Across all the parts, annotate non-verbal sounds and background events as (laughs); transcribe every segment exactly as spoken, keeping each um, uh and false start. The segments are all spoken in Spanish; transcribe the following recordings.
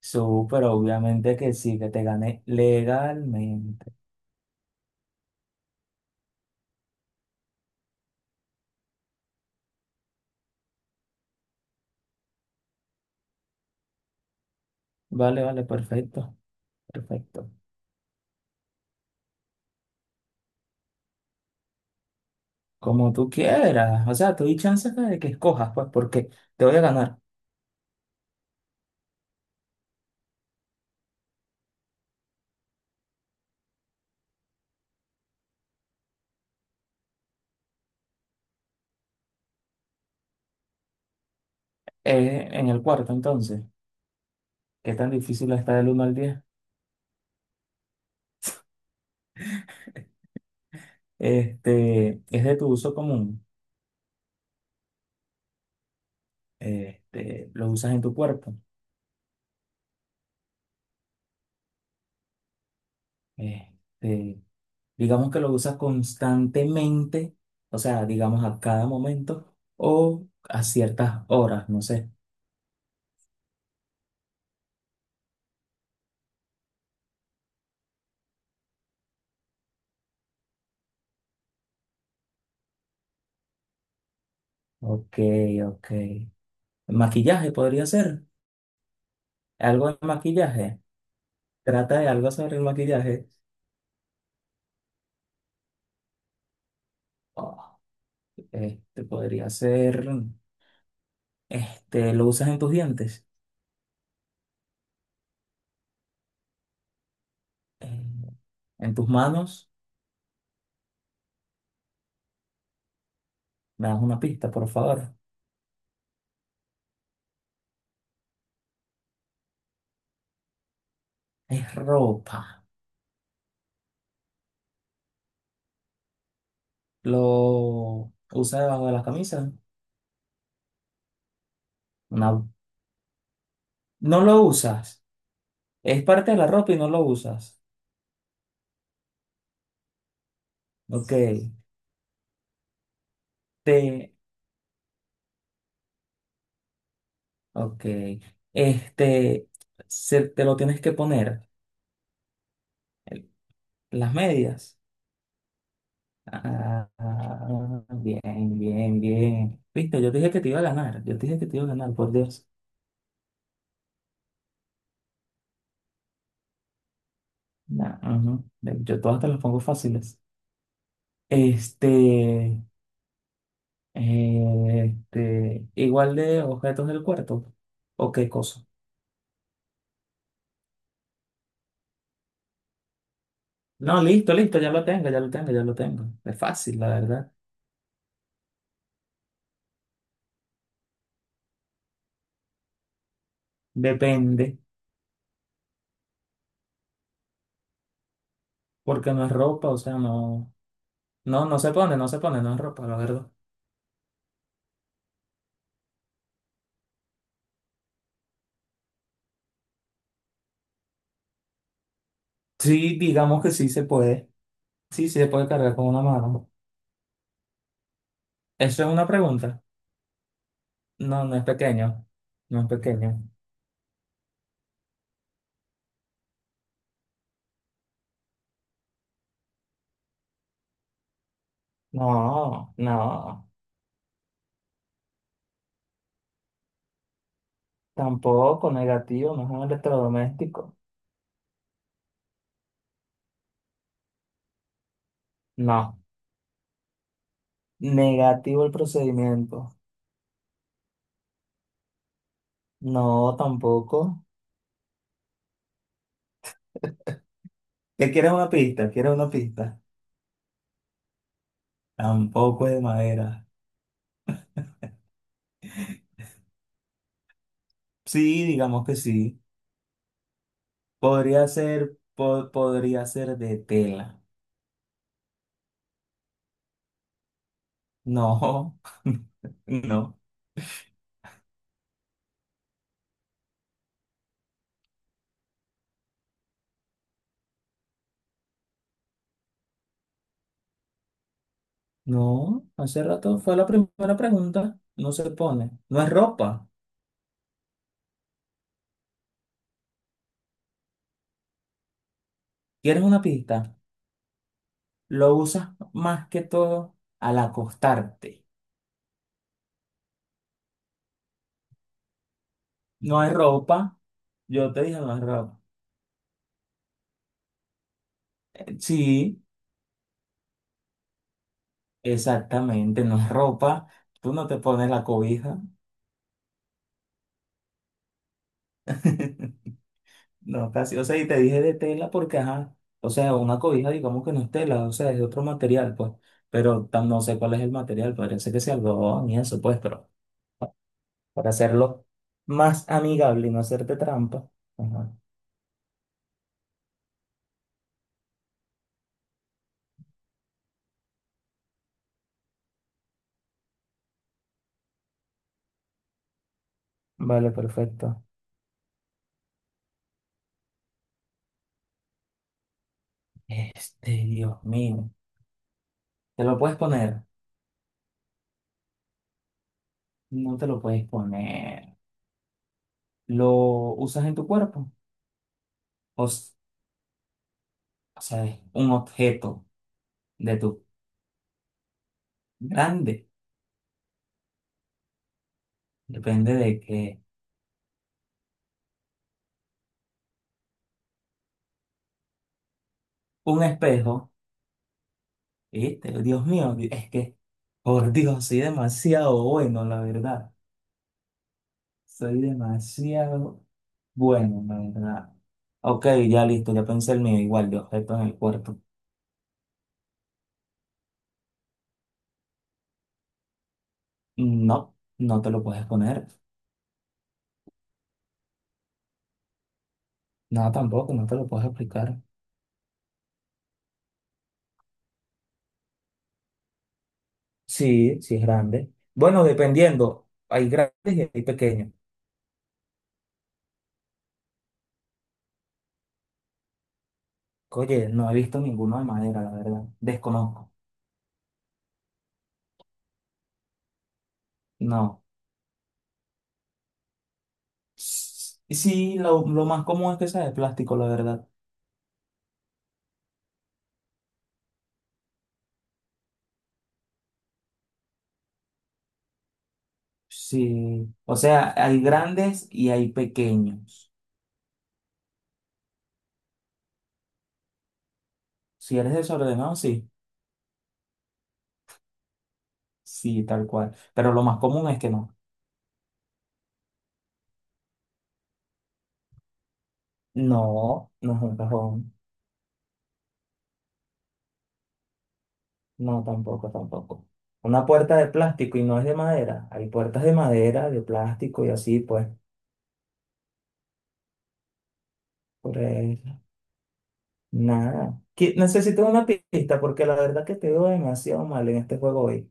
Súper, obviamente que sí, que te gané legalmente. Vale, vale, perfecto, perfecto. Como tú quieras. O sea, tú doy chances de que escojas, pues, porque te voy a ganar. Eh, en el cuarto, entonces. ¿Qué tan difícil está del uno al diez? Este, es de tu uso común. Este, lo usas en tu cuerpo. Este, digamos que lo usas constantemente, o sea, digamos a cada momento o a ciertas horas, no sé. Ok, ok. Maquillaje podría ser. Algo de maquillaje. Trata de algo sobre el maquillaje. Oh, este podría ser. Este, ¿lo usas en tus dientes? Eh, en tus manos. Me das una pista, por favor. Es ropa. ¿Lo usas debajo de las camisas? No. No lo usas. Es parte de la ropa y no lo usas. Ok. Te, ok. Este, se, te lo tienes que poner. eh, Las medias. Ah, bien, bien, bien. Viste, yo te dije que te iba a ganar. Yo te dije que te iba a ganar, por Dios. Nah, ujú. Yo todas te las pongo fáciles. Este, este, igual de objetos del cuerpo. ¿O qué cosa? No, listo, listo, ya lo tengo, ya lo tengo, ya lo tengo. Es fácil, la verdad. Depende, porque no es ropa, o sea, no, no, no se pone, no se pone, no es ropa, la verdad. Sí, digamos que sí se puede. Sí, sí se puede cargar con una mano. Eso es una pregunta. No, no es pequeño. No es pequeño. No, no. Tampoco negativo, no es un electrodoméstico. No. Negativo el procedimiento. No, tampoco. ¿Qué quieres una pista? ¿Quieres una pista? Tampoco es de madera. Sí, digamos que sí. Podría ser, po- podría ser de tela. No, (laughs) no. No, hace rato fue la primera pregunta. No se pone. No es ropa. ¿Quieres una pista? Lo usas más que todo al acostarte. No hay ropa. Yo te dije, no es ropa. Eh, Sí, exactamente, no es ropa. Tú no te pones la cobija. (laughs) No, casi. O sea, y te dije de tela porque, ajá. O sea, una cobija, digamos que no es tela, o sea, es de otro material, pues. Pero tam- no sé cuál es el material, parece que sea algodón y eso, pues, pero para hacerlo más amigable y no hacerte trampa. Ajá. Vale, perfecto. Este, Dios mío. ¿Te lo puedes poner? No te lo puedes poner. Lo usas en tu cuerpo. O, s- o sea, es un objeto de tu grande. Depende de que un espejo, ¿viste? Dios mío, di- es que, por Dios, soy demasiado bueno, la verdad. Soy demasiado bueno, la verdad. Ok, ya listo, ya pensé el mío, igual de objeto en el cuerpo. No, no te lo puedes poner. No, tampoco, no te lo puedes aplicar. Sí, sí es grande. Bueno, dependiendo, hay grandes y hay pequeños. Oye, no he visto ninguno de madera, la verdad. Desconozco. No. Y Sí, lo, lo más común es que sea de plástico, la verdad. Sí. O sea, hay grandes y hay pequeños. Si eres desordenado, sí. Sí, tal cual. Pero lo más común es que no. No, no es un cajón. No, tampoco, tampoco. Una puerta de plástico y no es de madera. Hay puertas de madera, de plástico y así, pues. Por eso. Nada. Qui- Necesito una pista porque la verdad que te veo demasiado mal en este juego hoy.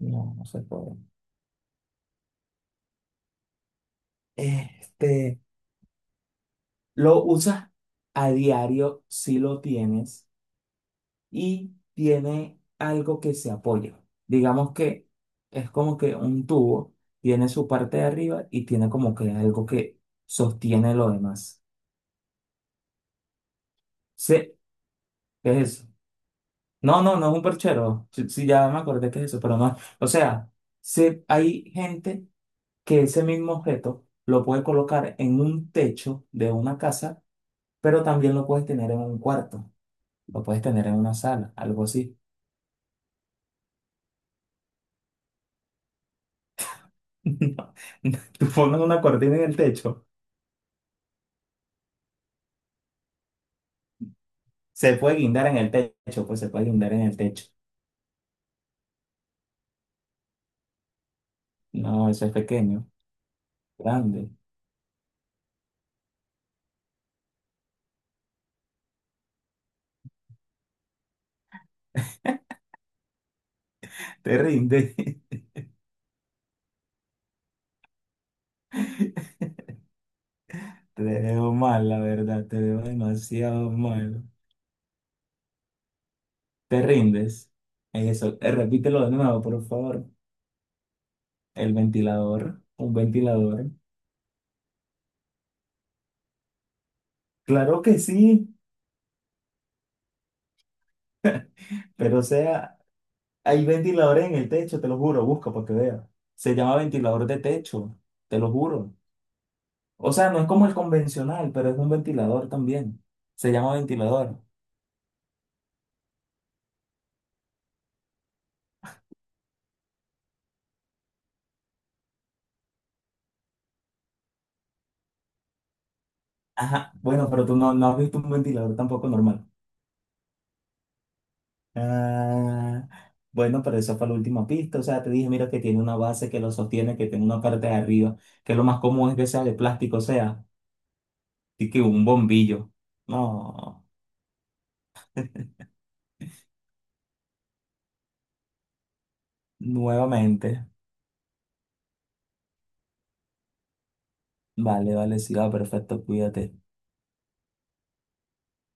No, no se puede. Este, lo usas a diario si lo tienes y tiene algo que se apoya. Digamos que es como que un tubo tiene su parte de arriba y tiene como que algo que sostiene lo demás. Sí, ¿qué es eso? No, no, no es un perchero. Sí, sí, ya me acordé que es eso, pero no. O sea, sí, hay gente que ese mismo objeto lo puedes colocar en un techo de una casa, pero también lo puedes tener en un cuarto, lo puedes tener en una sala, algo así. (laughs) No, no, Tú pones una cortina en el techo, se puede guindar en el techo, pues se puede guindar en el techo. No, eso es pequeño, grande, te rinde. (laughs) Te veo mal, la verdad, te veo demasiado mal. ¿Te rindes? Eso, eh, repítelo de nuevo, por favor. El ventilador, un ventilador. Claro que sí, pero o sea, Hay ventiladores en el techo, te lo juro, busca para que veas. Se llama ventilador de techo, te lo juro. O sea, no es como el convencional, pero es un ventilador también. Se llama ventilador. Ajá, bueno, pero tú no, no has visto un ventilador tampoco normal. Ah, bueno, pero esa fue la última pista. O sea, te dije, mira, que tiene una base que lo sostiene, que tiene una parte de arriba, que lo más común es que sea de plástico, o sea, y que un bombillo. No, nuevamente. Vale, vale, sí, va, perfecto, cuídate.